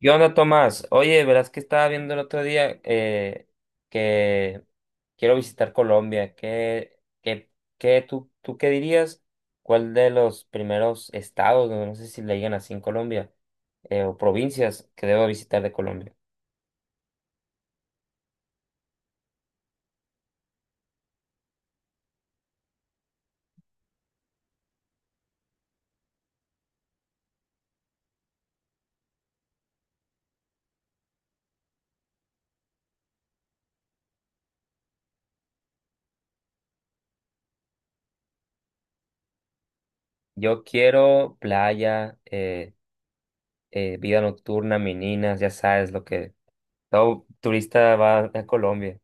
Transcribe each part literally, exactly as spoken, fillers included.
¿Qué onda, Tomás? Oye, verás que estaba viendo el otro día eh, que quiero visitar Colombia. ¿Qué, qué, qué, tú, tú qué dirías? ¿Cuál de los primeros estados, no no sé si le digan así en Colombia, eh, o provincias que debo visitar de Colombia? Yo quiero playa, eh, eh, vida nocturna, meninas, ya sabes lo que todo turista va a Colombia.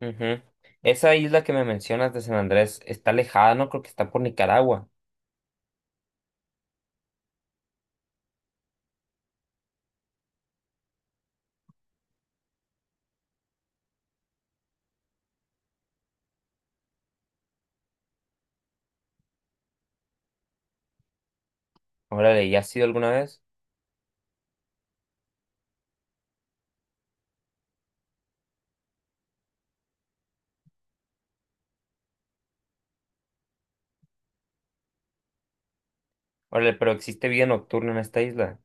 Ujú. Esa isla que me mencionas de San Andrés está alejada, ¿no? Creo que está por Nicaragua. Órale, ¿ya has ido alguna vez? Órale, pero existe vida nocturna en esta isla.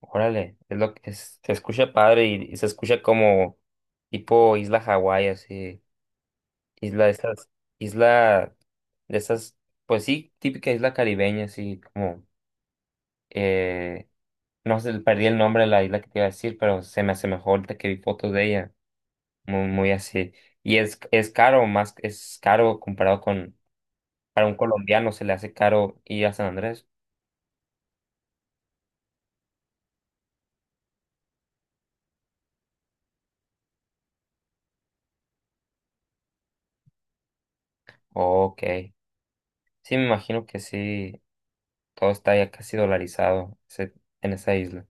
Órale, es lo que es- se escucha padre y, y se escucha como tipo isla Hawái, así, isla de esas, isla de esas, pues sí, típica isla caribeña, así como, eh, no sé, perdí el nombre de la isla que te iba a decir, pero se me asemejó ahorita que vi fotos de ella, muy, muy así. Y es, es caro, más, es caro comparado con, para un colombiano se le hace caro ir a San Andrés. Ok. Sí, me imagino que sí, todo está ya casi dolarizado ese- en esa isla.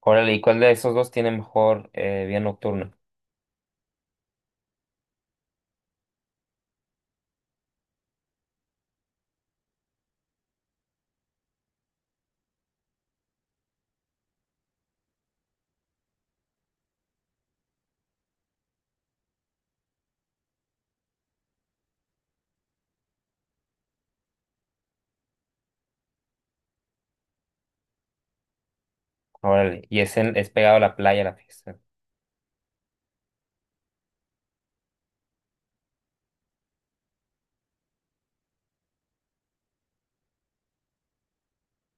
Órale, ¿y cuál de esos dos tiene mejor eh, vida nocturna? Órale, y es, en- es pegado a la playa la fiesta.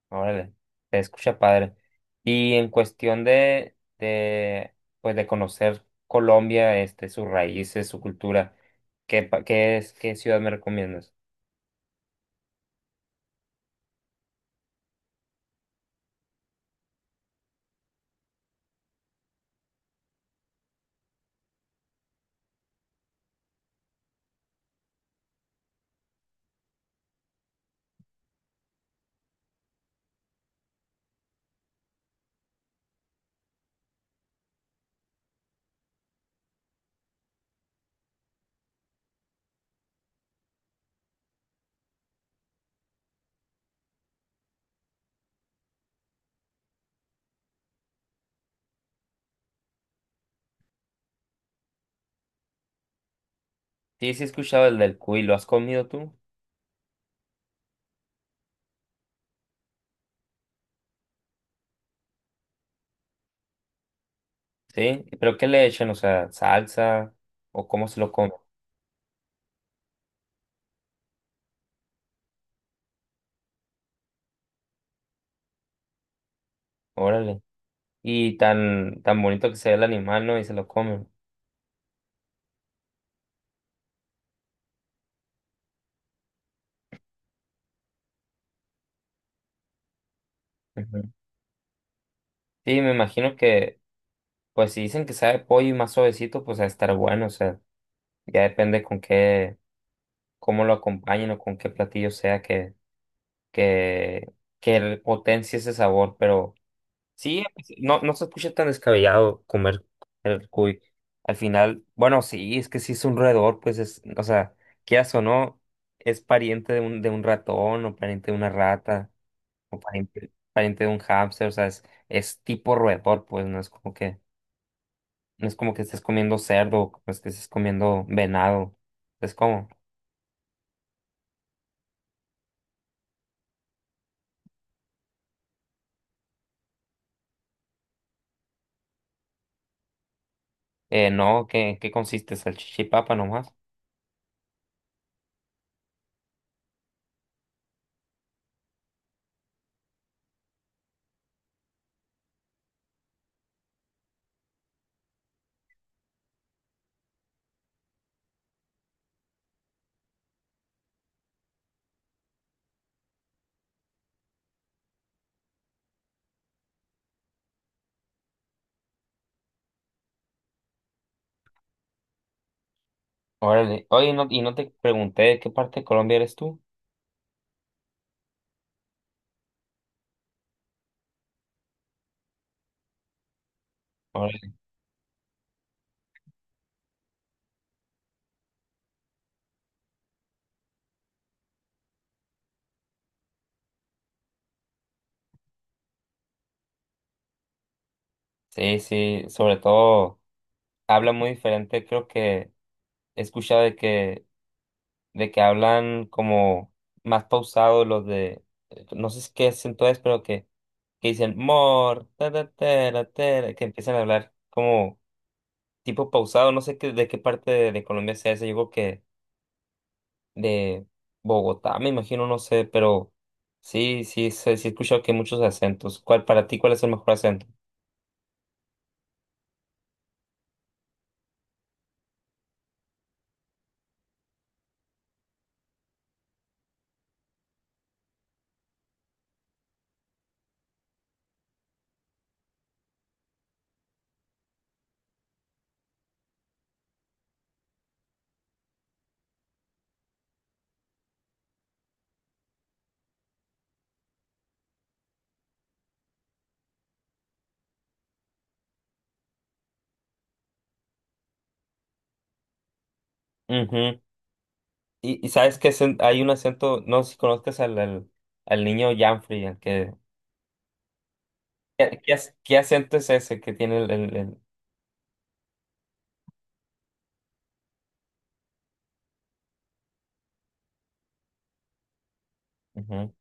Órale, se escucha padre. Y en cuestión de, de, pues de conocer Colombia, este, sus raíces, su cultura, ¿qué, pa- qué es, ¿qué ciudad me recomiendas? Sí, sí he escuchado el del cuy, ¿lo has comido tú? Sí, pero ¿qué le echan? O sea, salsa o cómo se lo come. Órale. Y tan, tan bonito que se ve el animal, ¿no? Y se lo comen. Ujú. Sí, me imagino que, pues si dicen que sabe a pollo y más suavecito, pues a estar bueno, o sea, ya depende con qué, cómo lo acompañen o con qué platillo sea que, que, que el- potencie ese sabor, pero sí, pues, no, no se escucha tan descabellado comer el cuy. Al final, bueno, sí, es que sí es un roedor, pues es, o sea, quieras o no, es pariente de un, de un ratón o pariente de una rata. Como pariente, pariente de un hámster, o sea, es, es tipo roedor, pues no es como que, no es como que estés comiendo cerdo, no es que estés comiendo venado, es como, eh, no, ¿qué, ¿qué consiste? Salchicha y papa nomás. Órale, oye, no, y no te pregunté de qué parte de Colombia eres tú. Órale. Sí, sí, sobre todo habla muy diferente, creo que he escuchado de que de que hablan como más pausado los de, no sé si qué acento es, pero que, que dicen mor, ta, ta, tera, tera", que empiezan a hablar como tipo pausado, no sé qué, de qué parte de, de Colombia sea ese, yo creo que de Bogotá, me imagino, no sé, pero sí, sí, sí, sí he escuchado que hay muchos acentos. ¿Cuál, para ti, cuál es el mejor acento? Ujú. Y, y sabes que acen- hay un acento, no sé si conozcas al, al, al niño Janfrey, al que... ¿Qué, qué ac- ¿qué acento es ese que tiene el? Ujú.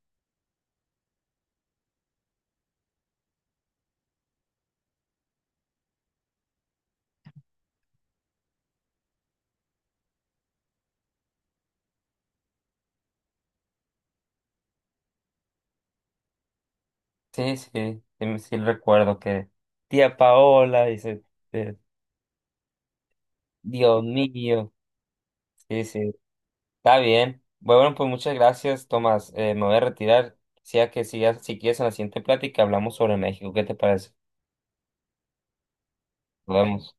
Sí, sí, sí, me- sí recuerdo que tía Paola dice, eh, Dios mío, sí, sí, está bien. Bueno, pues muchas gracias, Tomás. Eh, me voy a retirar. Sea que sigas, si quieres en la siguiente plática hablamos sobre México. ¿Qué te parece? Nos vemos.